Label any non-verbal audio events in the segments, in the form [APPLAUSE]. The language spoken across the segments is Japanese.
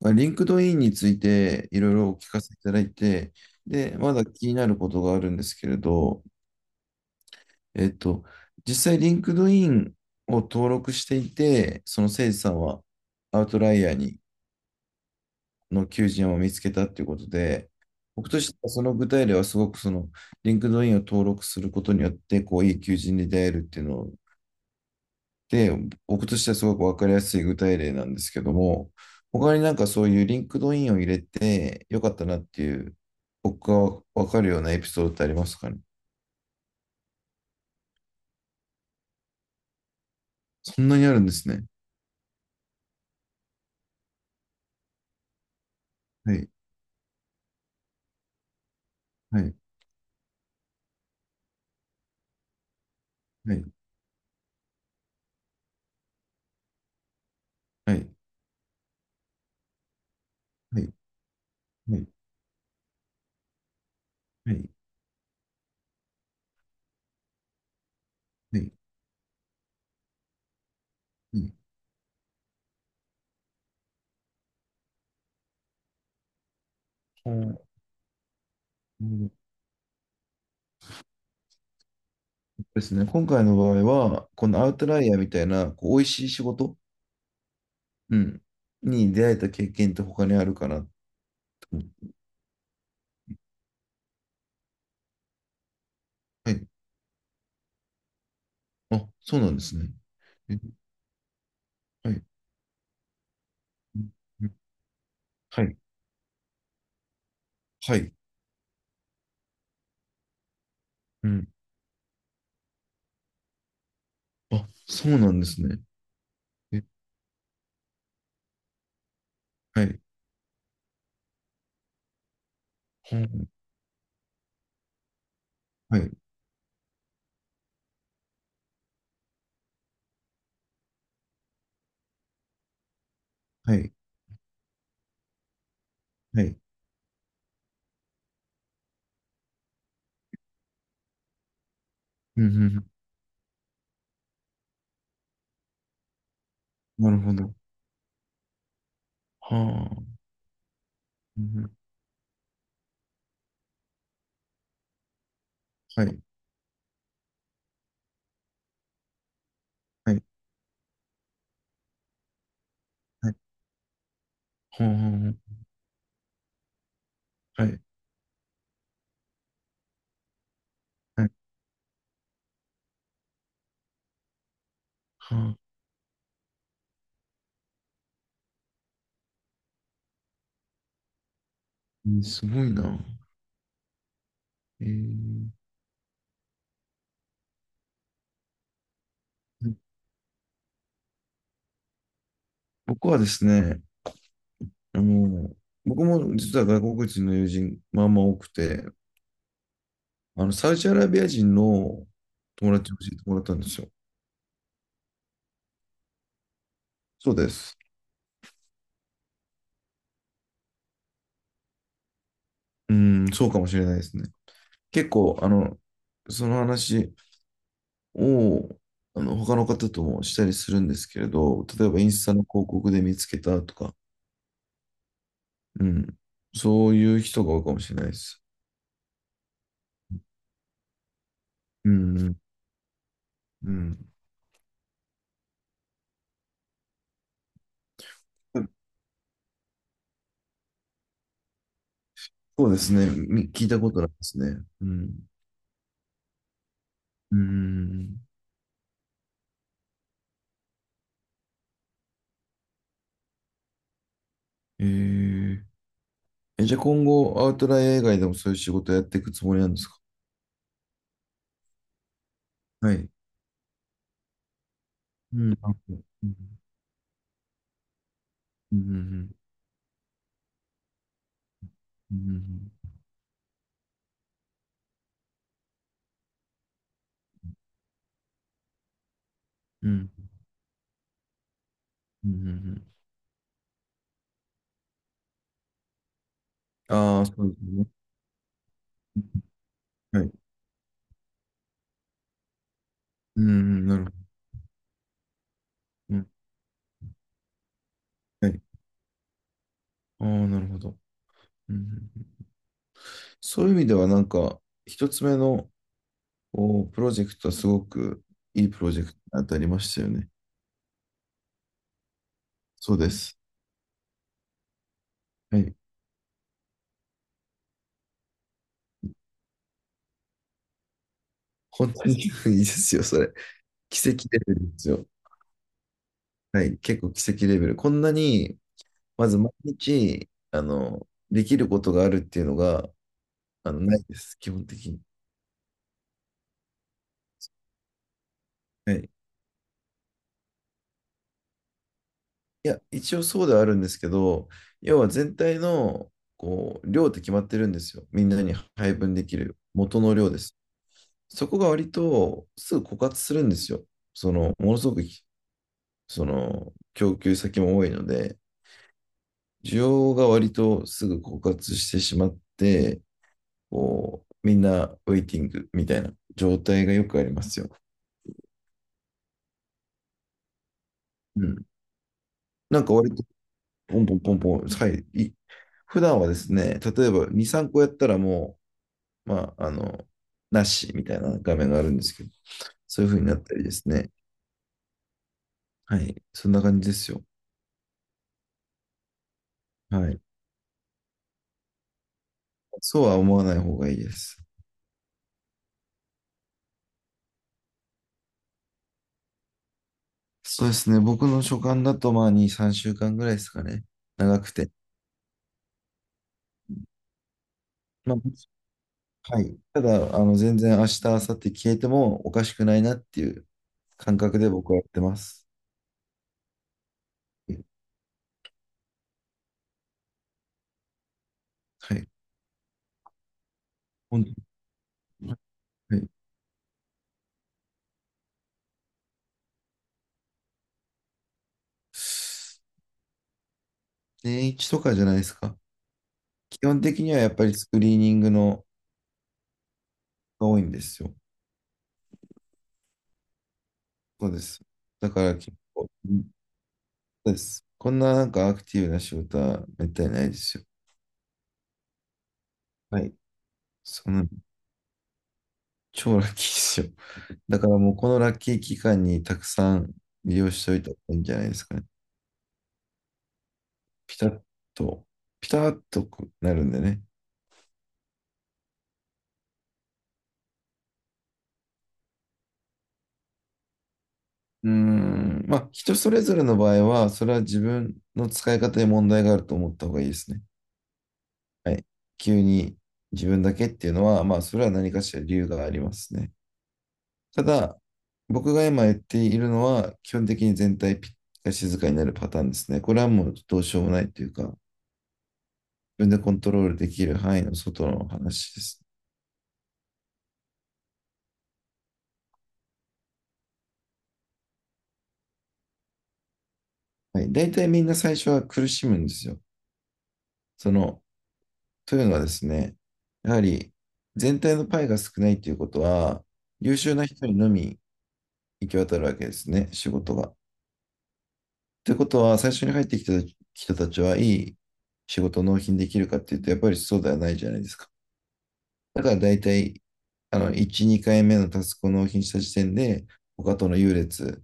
まあリンクドインについていろいろお聞かせいただいて、で、まだ気になることがあるんですけれど、えっと、実際リンクドインを登録していて、そのせいさんはアウトライヤーにの求人を見つけたっていうことで、僕としてはその具体例はすごくそのリンクドインを登録することによって、こういい求人に出会えるっていうので、僕としてはすごく分かりやすい具体例なんですけども、他になんかそういうリンクドインを入れてよかったなっていう、僕が分かるようなエピソードってありますかね？そんなにあるんですね。はい、はい、はい、はい、はい、はい、はい、はい、はい。うん、うん、ですね。今回の場合は、このアウトライヤーみたいな、こう、美味しい仕事、うん、に出会えた経験って他にあるかなって思う。はい。あ、そうなんですね。え、はい。うん、はい。はい。うん。あ、そうなんですね。え、はい。は、はい。はい。はい。うん、うん。うん、なるほど。はあ。うん、うん、はい。はい。はい。はあ。はい。はい。はあ。うん、すごいな。えー、僕はですね、あの、僕も実は外国人の友人、まあまあ多くて、サウジアラビア人の友達を教えてもらったんですよ。そうです。うん、そうかもしれないですね。結構、その話、を、他の方ともしたりするんですけれど、例えばインスタの広告で見つけたとか、うん、そういう人が多いかもしれないです。うん、うん、そうですね。聞いたことないですね。うん。うん。えー、え、じゃあ今後、アウトライン以外でもそういう仕事をやっていくつもりなんですか？はい。うん、あ、うん、うん、うん、うん、うん、うん、ああー、そうですね。はい。うん、うん、なるほど。うん、はい。ああ、なるほど。うん、うん、そういう意味ではなんか、一つ目のこうプロジェクトはすごくいいプロジェクトに当たりましたよね。そうです。はい。本当に [LAUGHS] いいですよ、それ。[LAUGHS] 奇跡レベルですよ。はい。結構奇跡レベル。こんなに、まず毎日、できることがあるっていうのが、ないです、基本的に。はい。いや、一応そうではあるんですけど、要は全体の、こう、量って決まってるんですよ。みんなに配分できる元の量です。そこが割とすぐ枯渇するんですよ。ものすごく、供給先も多いので、需要が割とすぐ枯渇してしまって、こう、みんなウェイティングみたいな状態がよくありますよ。うん。なんか割と、ポンポンポンポン、はい、普段はですね、例えば2、3個やったらもう、まあ、なしみたいな画面があるんですけど、そういう風になったりですね。はい。そんな感じですよ。はい。そうは思わない方がいいです。そうですね。僕の所感だと、まあ、2、3週間ぐらいですかね。長くて。まあ、はい。ただ、全然明日、明後日消えてもおかしくないなっていう感覚で僕はやってます。はい。本当に、はい。年一とかじゃないですか。基本的にはやっぱりスクリーニングのが多いんですよ。そうです。だから結構、うん、そうです。こんななんかアクティブな仕事はめったにないですよ。はい。その、超ラッキーですよ。だからもうこのラッキー期間にたくさん利用しておいた方がいいんじゃないですかね。ピタッと、ピタッとこうなるんでね。うーん、まあ人それぞれの場合は、それは自分の使い方に問題があると思った方がいいですね。はい。急に自分だけっていうのは、まあそれは何かしら理由がありますね。ただ、僕が今言っているのは、基本的に全体が静かになるパターンですね。これはもうどうしようもないというか、自分でコントロールできる範囲の外の話ですね。はい、大体みんな最初は苦しむんですよ。その、というのはですね、やはり全体のパイが少ないということは、優秀な人にのみ行き渡るわけですね、仕事が。ということは、最初に入ってきた人たちはいい仕事を納品できるかっていうと、やっぱりそうではないじゃないですか。だから大体、1、2回目のタスクを納品した時点で、他との優劣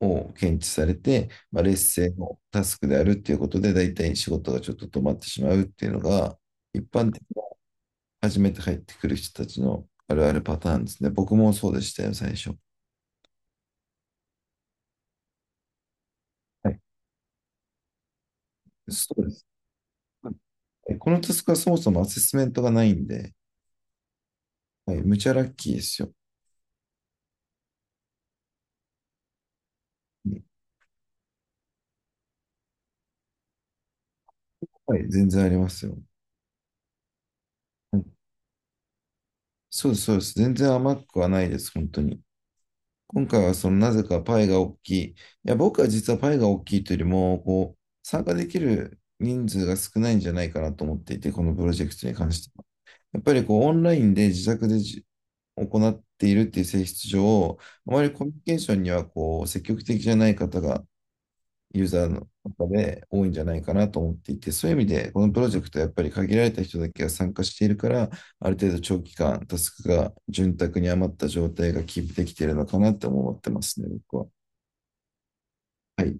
を検知されて、まあ、劣勢のタスクであるっていうことで、大体仕事がちょっと止まってしまうっていうのが、一般的に初めて入ってくる人たちのあるあるパターンですね。僕もそうでしたよ、最初。はい。そうです。はい、このタスクはそもそもアセスメントがないんで、はい、むちゃラッキーですよ。はい、全然ありますよ。はい、そうです、そうです。全然甘くはないです、本当に。今回はそのなぜかパイが大きい。いや、僕は実はパイが大きいというよりも、こう、参加できる人数が少ないんじゃないかなと思っていて、このプロジェクトに関しては。やっぱりこう、オンラインで自宅で行っているっていう性質上、あまりコミュニケーションにはこう、積極的じゃない方がユーザーの中で多いんじゃないかなと思っていて、そういう意味で、このプロジェクトはやっぱり限られた人だけが参加しているから、ある程度長期間、タスクが潤沢に余った状態がキープできているのかなって思ってますね、僕は。はい、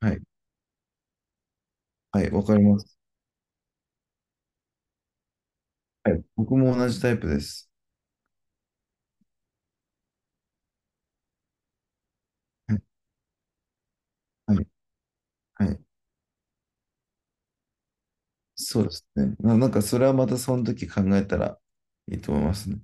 はい、はい、わかります。はい、僕も同じタイプです。はい、はい、はい、そうですね。なんかそれはまたその時考えたらいいと思いますね。